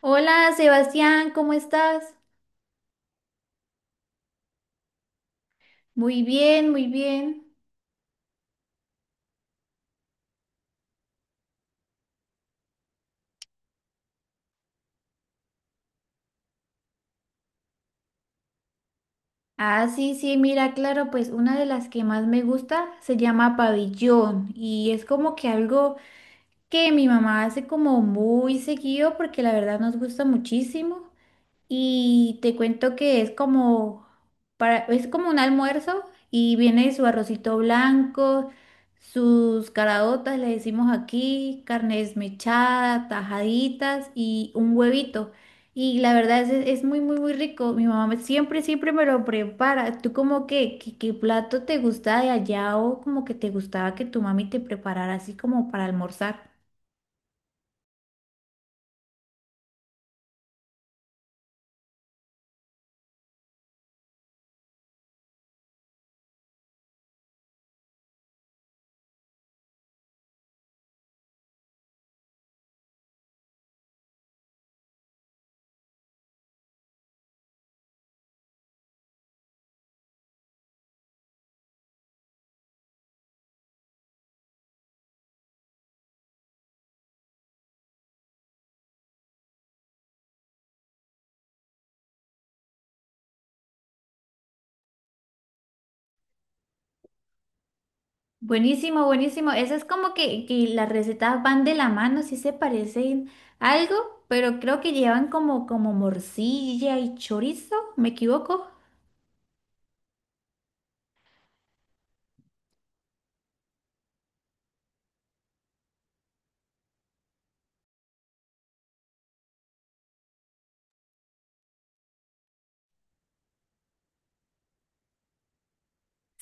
Hola, Sebastián, ¿cómo estás? Muy bien, muy bien. Ah, sí, sí, mira, claro, pues una de las que más me gusta se llama pabellón y es como que algo que mi mamá hace como muy seguido porque la verdad nos gusta muchísimo. Y te cuento que es como es como un almuerzo y viene su arrocito blanco, sus caraotas, le decimos aquí, carne desmechada, tajaditas y un huevito. Y la verdad es muy, muy, muy rico. Siempre, siempre me lo prepara. ¿Tú como que, qué plato te gusta de allá o como que te gustaba que tu mami te preparara así como para almorzar? Buenísimo, buenísimo. Eso es como que las recetas van de la mano, sí se parecen algo, pero creo que llevan como morcilla y chorizo, ¿me equivoco?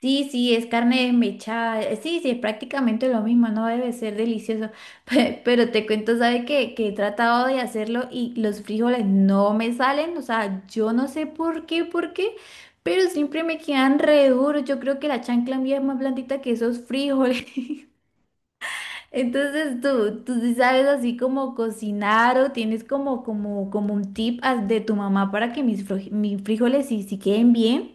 Sí, sí, es carne desmechada. Sí, sí, es prácticamente lo mismo, no debe ser delicioso. Pero te cuento, ¿sabes qué? Que he tratado de hacerlo y los frijoles no me salen. O sea, yo no sé por qué, pero siempre me quedan re duros. Yo creo que la chancla mía es más blandita que esos frijoles. Entonces tú sí sabes así como cocinar o tienes como un tip de tu mamá para que mis frijoles sí queden bien.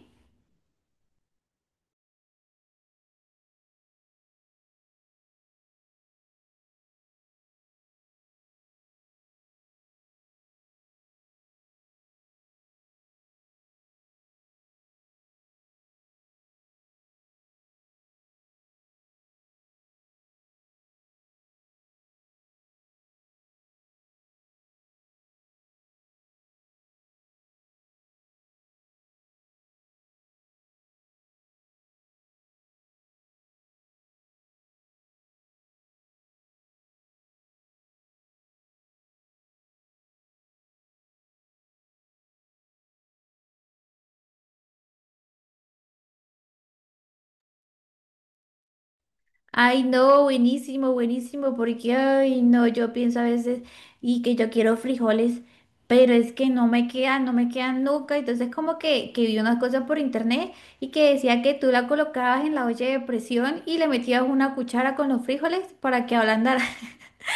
Ay, no, buenísimo, buenísimo, porque ay, no, yo pienso a veces y que yo quiero frijoles, pero es que no me quedan, no me quedan nunca. Entonces como que vi unas cosas por internet y que decía que tú la colocabas en la olla de presión y le metías una cuchara con los frijoles para que ablandaran.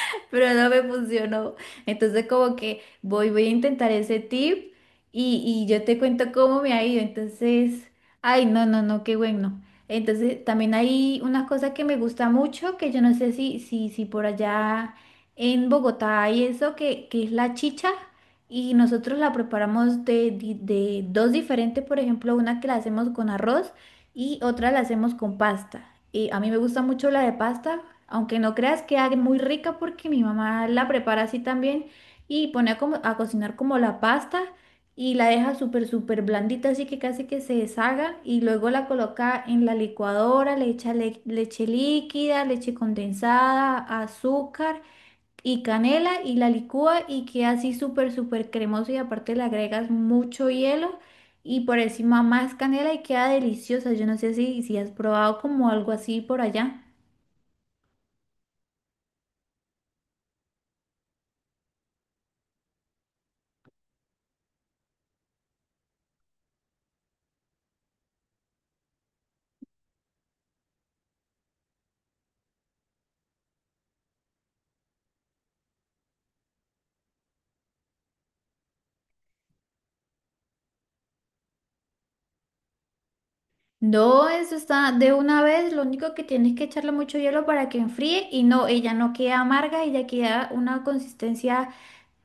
Pero no me funcionó. Entonces como que voy a intentar ese tip y yo te cuento cómo me ha ido. Entonces, ay, no, no, no, qué bueno. Entonces, también hay una cosa que me gusta mucho, que yo no sé si por allá en Bogotá hay eso, que es la chicha. Y nosotros la preparamos de dos diferentes, por ejemplo, una que la hacemos con arroz y otra la hacemos con pasta. Y a mí me gusta mucho la de pasta, aunque no creas que haga muy rica porque mi mamá la prepara así también y pone a cocinar como la pasta y la deja súper, súper blandita, así que casi que se deshaga y luego la coloca en la licuadora, le echa leche líquida, leche condensada, azúcar y canela y la licúa y queda así súper, súper cremoso y aparte le agregas mucho hielo y por encima más canela y queda deliciosa. Yo no sé si has probado como algo así por allá. No, eso está de una vez, lo único que tienes que echarle mucho hielo para que enfríe y no, ella no queda amarga, ella queda una consistencia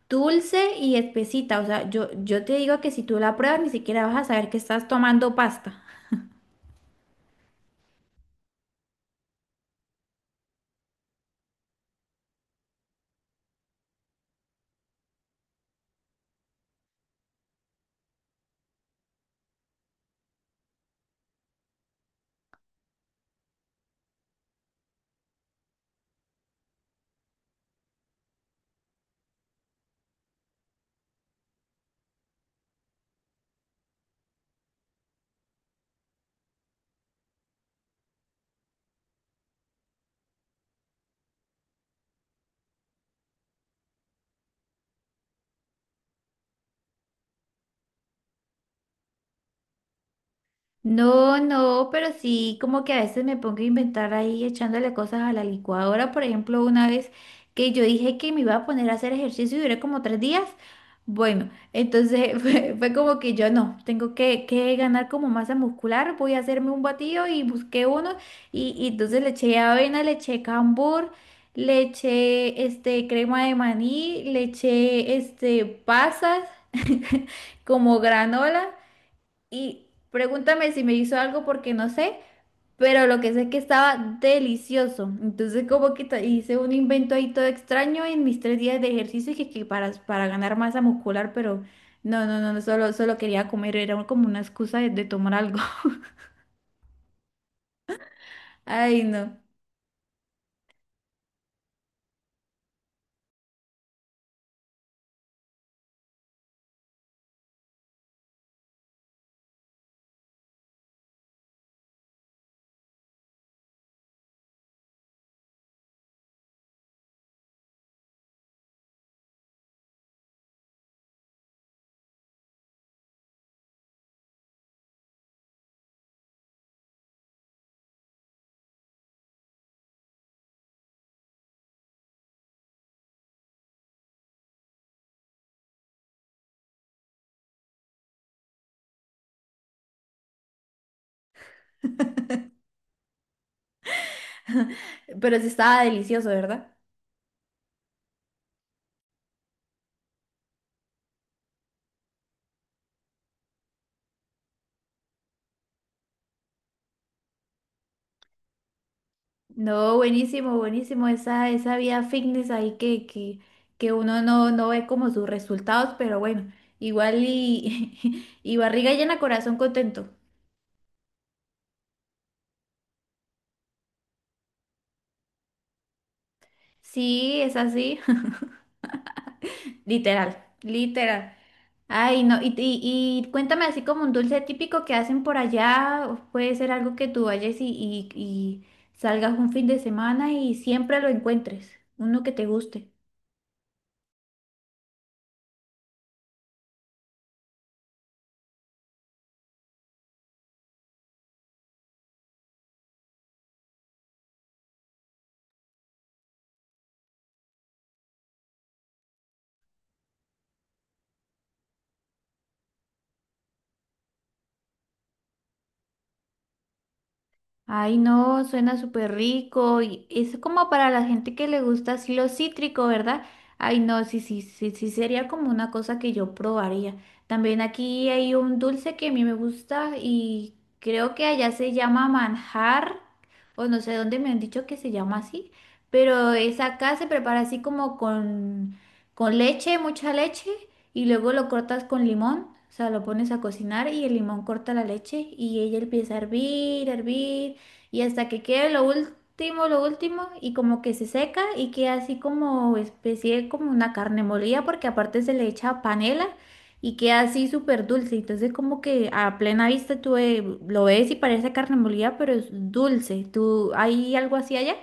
dulce y espesita. O sea, yo te digo que si tú la pruebas ni siquiera vas a saber que estás tomando pasta. No, no, pero sí, como que a veces me pongo a inventar ahí echándole cosas a la licuadora. Por ejemplo, una vez que yo dije que me iba a poner a hacer ejercicio y duré como 3 días. Bueno, entonces fue como que yo no, tengo que ganar como masa muscular, voy a hacerme un batido y busqué uno y entonces le eché avena, le eché cambur, le eché este crema de maní, le eché este pasas como granola. Y pregúntame si me hizo algo porque no sé, pero lo que sé es que estaba delicioso. Entonces como que hice un invento ahí todo extraño en mis 3 días de ejercicio que para ganar masa muscular, pero no, no, no, no, solo, solo quería comer, era como una excusa de tomar algo. Ay, no. Pero sí estaba delicioso, ¿verdad? No, buenísimo, buenísimo. Esa vida fitness ahí que uno no, no ve como sus resultados, pero bueno, igual y, y barriga llena, corazón contento. Sí, es así. Literal, literal. Ay, no, y cuéntame así como un dulce típico que hacen por allá, o puede ser algo que tú vayas y salgas un fin de semana y siempre lo encuentres, uno que te guste. Ay, no, suena súper rico. Y es como para la gente que le gusta así lo cítrico, ¿verdad? Ay, no, sí, sí, sí, sí, sería como una cosa que yo probaría. También aquí hay un dulce que a mí me gusta y creo que allá se llama manjar, o no sé dónde me han dicho que se llama así, pero es acá se prepara así con leche, mucha leche, y luego lo cortas con limón. O sea, lo pones a cocinar y el limón corta la leche y ella empieza a hervir y hasta que quede lo último y como que se seca y queda así como especie como una carne molida porque aparte se le echa panela y queda así súper dulce. Entonces como que a plena vista tú lo ves y parece carne molida, pero es dulce. ¿Tú hay algo así allá?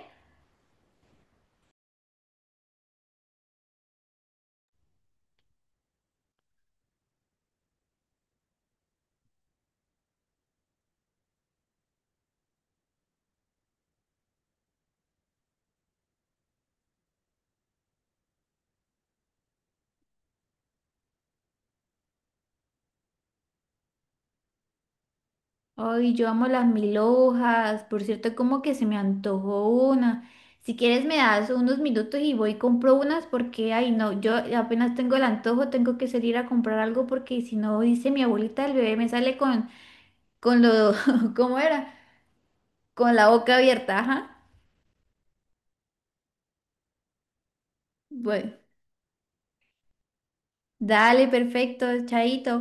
Ay, yo amo las mil hojas. Por cierto, como que se me antojó una. Si quieres me das unos minutos y voy y compro unas porque, ay, no, yo apenas tengo el antojo, tengo que salir a comprar algo porque si no, dice mi abuelita, el bebé me sale con lo, ¿cómo era? Con la boca abierta, ajá. Bueno, dale, perfecto, chaito.